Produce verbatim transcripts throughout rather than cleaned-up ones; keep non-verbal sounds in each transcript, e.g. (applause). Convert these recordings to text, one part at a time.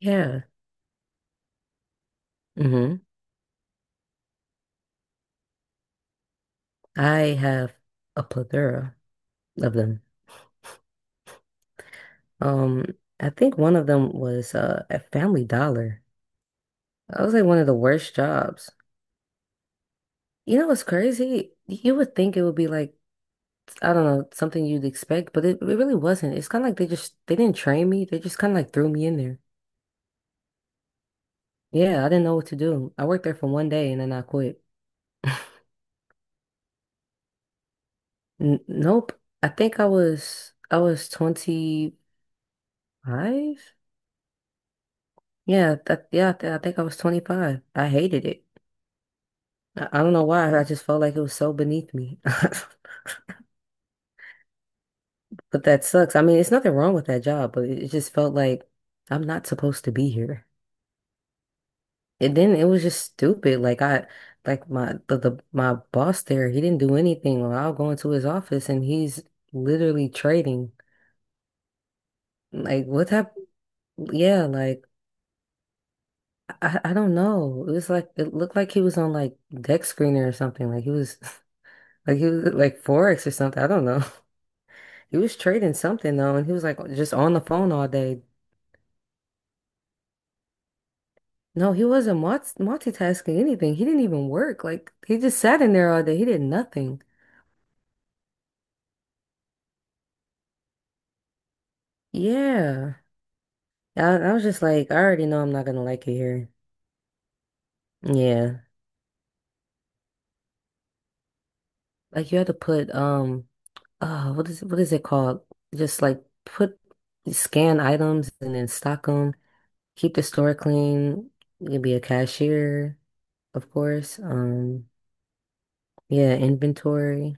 Yeah. hmm I have a plethora of them. Um, I think one of them was uh, at Family Dollar. That was like one of the worst jobs. You know what's crazy? You would think it would be like, I don't know, something you'd expect, but it, it really wasn't. It's kind of like they just, they didn't train me. They just kind of like threw me in there. Yeah, I didn't know what to do. I worked there for one day and then I quit. N nope. I think I was, I was twenty-five. Yeah, that, yeah, I, th I think I was twenty-five. I hated it. I I don't know why. I just felt like it was so beneath me. (laughs) But that sucks. I mean, it's nothing wrong with that job, but it it just felt like I'm not supposed to be here. And then it was just stupid. Like I, like my the, the my boss there, he didn't do anything. Well, I'll go into his office and he's literally trading. Like what type? Yeah, like I, I don't know. It was like it looked like he was on like deck screener or something. Like he was (laughs) like he was like Forex or something. I don't know. (laughs) He was trading something though, and he was like just on the phone all day. No, he wasn't multi multitasking anything. He didn't even work. Like he just sat in there all day. He did nothing. Yeah. I, I was just like, I already know I'm not gonna like it here. Yeah. Like you had to put um uh what is it what is it called? Just like put scan items and then stock them, keep the store clean, you can be a cashier, of course. Um yeah, inventory.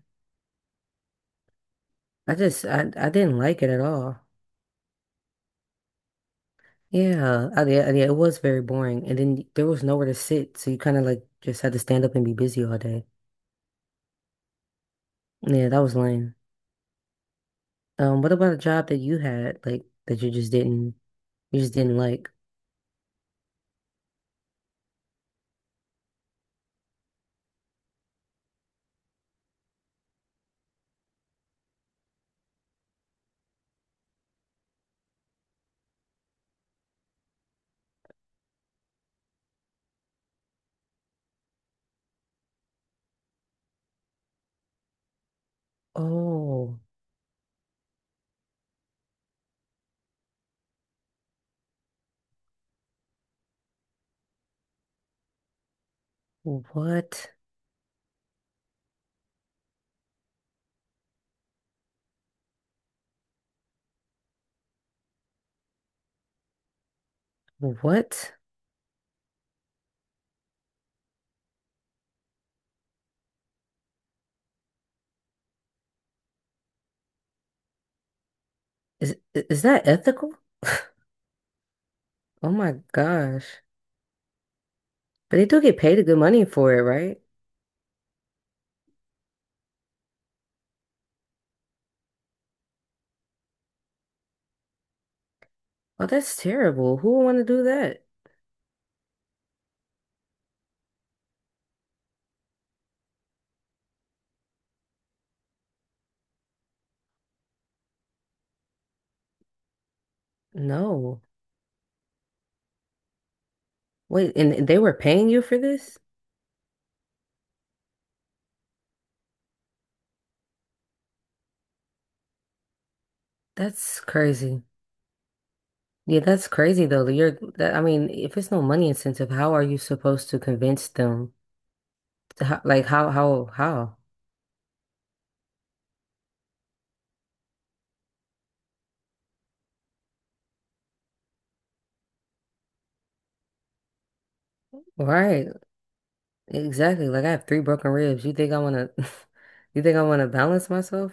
I just I I didn't like it at all. Yeah, I, yeah, yeah, it was very boring. And then there was nowhere to sit, so you kind of like just had to stand up and be busy all day. Yeah, that was lame. Um, what about a job that you had, like that you just didn't, you just didn't like? Oh, what? What? Is i- is that ethical? (laughs) Oh my gosh. But they do get paid a good money for it, right? Oh, that's terrible. Who would want to do that? No. Wait, and and they were paying you for this? That's crazy. Yeah, that's crazy though. That You're that I mean, if it's no money incentive, how are you supposed to convince them? To, how, like how how how? Right. Exactly. Like I have three broken ribs. You think I wanna (laughs) you think I wanna balance myself?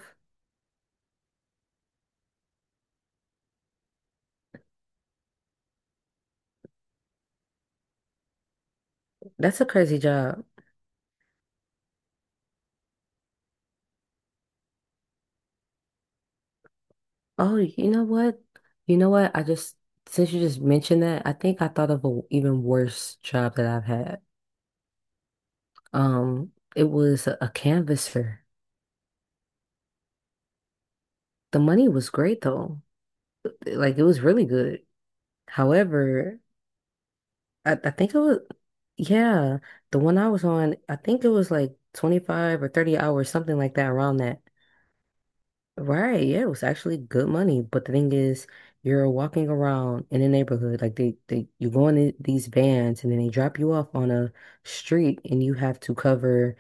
That's a crazy job. Oh, you know what? You know what? I just Since you just mentioned that, I think I thought of a even worse job that I've had. Um, it was a, a canvasser. The money was great though. Like it was really good. However, I, I think it was, yeah, the one I was on, I think it was like twenty-five or thirty hours, something like that, around that. Right, yeah, it was actually good money, but the thing is, you're walking around in the neighborhood, like they, they, you go in the- these vans, and then they drop you off on a street, and you have to cover,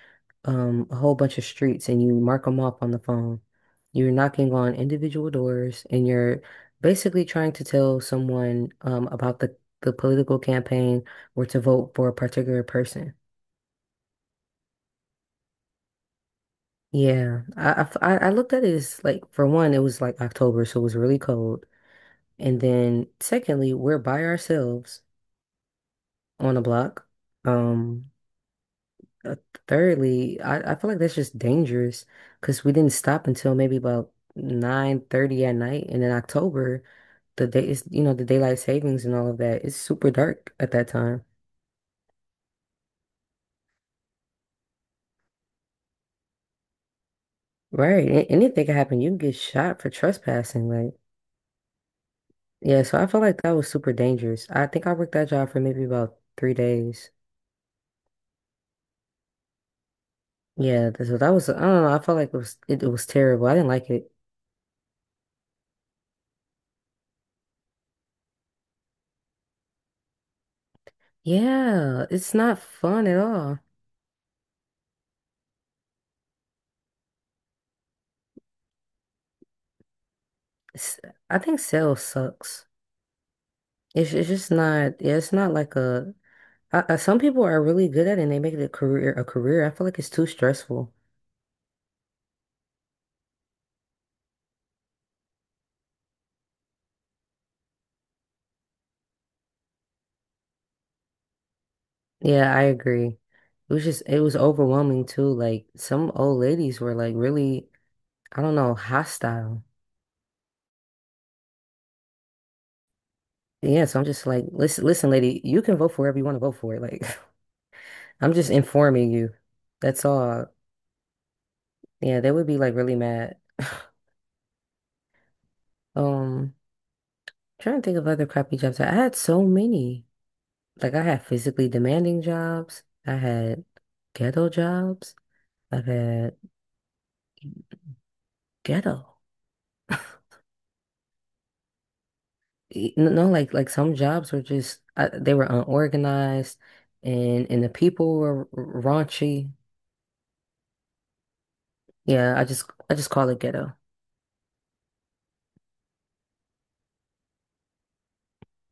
um, a whole bunch of streets, and you mark them off on the phone. You're knocking on individual doors, and you're basically trying to tell someone, um, about the the political campaign or to vote for a particular person. Yeah, I, I f- I- I looked at it as like for one, it was like October, so it was really cold. And then secondly, we're by ourselves on a block. Um, uh, Thirdly, I, I feel like that's just dangerous because we didn't stop until maybe about nine thirty at night. And in October, the day is, you know, the daylight savings and all of that. It's super dark at that time. Right. a- Anything can happen. You can get shot for trespassing. Like, yeah, so I felt like that was super dangerous. I think I worked that job for maybe about three days. Yeah, th- so that was, I don't know, I felt like it was it, it was terrible. I didn't like it. Yeah, it's not fun at all. S I I think sales sucks. It's it's just not. Yeah, it's not like a. I, I, some people are really good at it and they make it a career. A career. I feel like it's too stressful. Yeah, I agree. It was just it was overwhelming too. Like some old ladies were like really, I don't know, hostile. Yeah, so I'm just like, listen, listen, lady, you can vote for whoever you want to vote for. Like (laughs) I'm just informing you. That's all. Yeah, they would be like really mad. (laughs) Um. Trying to think of other crappy jobs. I had so many. Like I had physically demanding jobs. I had ghetto jobs. I've had ghetto. Y- No, no, like like some jobs were just I, they were unorganized, and and the people were r- raunchy. Yeah, I just I just call it ghetto.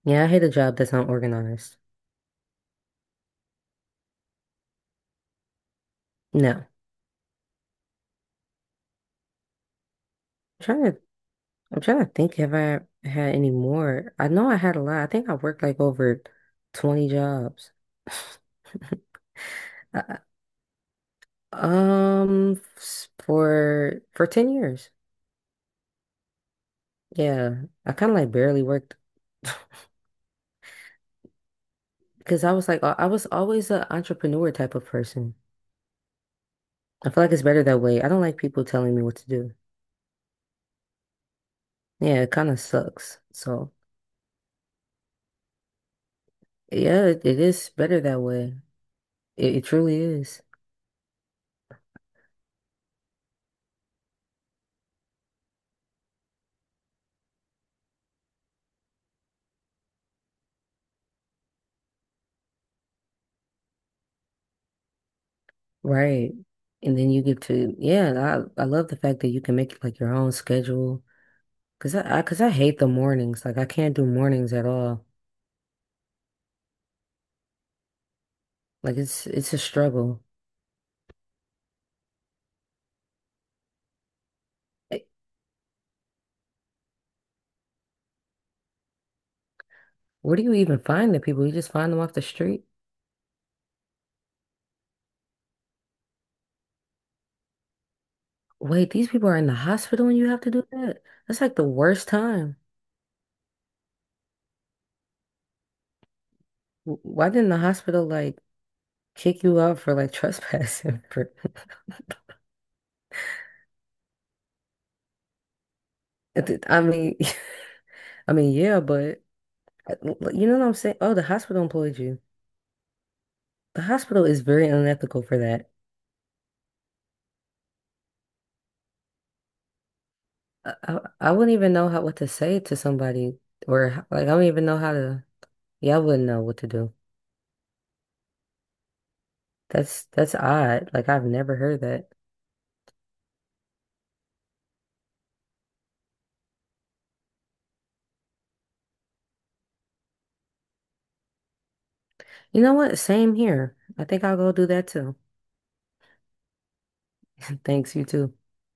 Yeah, I hate a job that's unorganized. No, I'm trying to I'm trying to think if I had any more. I know I had a lot. I think I worked like over twenty jobs. (laughs) I, Um, s- for for ten years. Yeah. I kind of like barely worked because I was like I I was always an entrepreneur type of person. I feel like it's better that way. I don't like people telling me what to do. Yeah, it kind of sucks. So, yeah, it, it is better that way. It, it truly is. Right. And then you get to, yeah, and I I love the fact that you can make like your own schedule because I, I cause I hate the mornings. Like I can't do mornings at all. Like it's it's a struggle. Where do you even find the people? You just find them off the street? Wait, these people are in the hospital and you have to do that? That's like the worst time. W- Why didn't the hospital like kick you out for like trespassing? (laughs) For... I th- I mean, (laughs) I mean, yeah, but uh, l- l- you know what I'm saying? Oh, the hospital employed you. The hospital is very unethical for that. I, I, I wouldn't even know how what to say to somebody or how- like I don't even know how to. Yeah, I wouldn't know what to do. That's that's odd. Like I've never heard that. You know what? Same here. I think I'll go do that too. (laughs) Thanks, you too.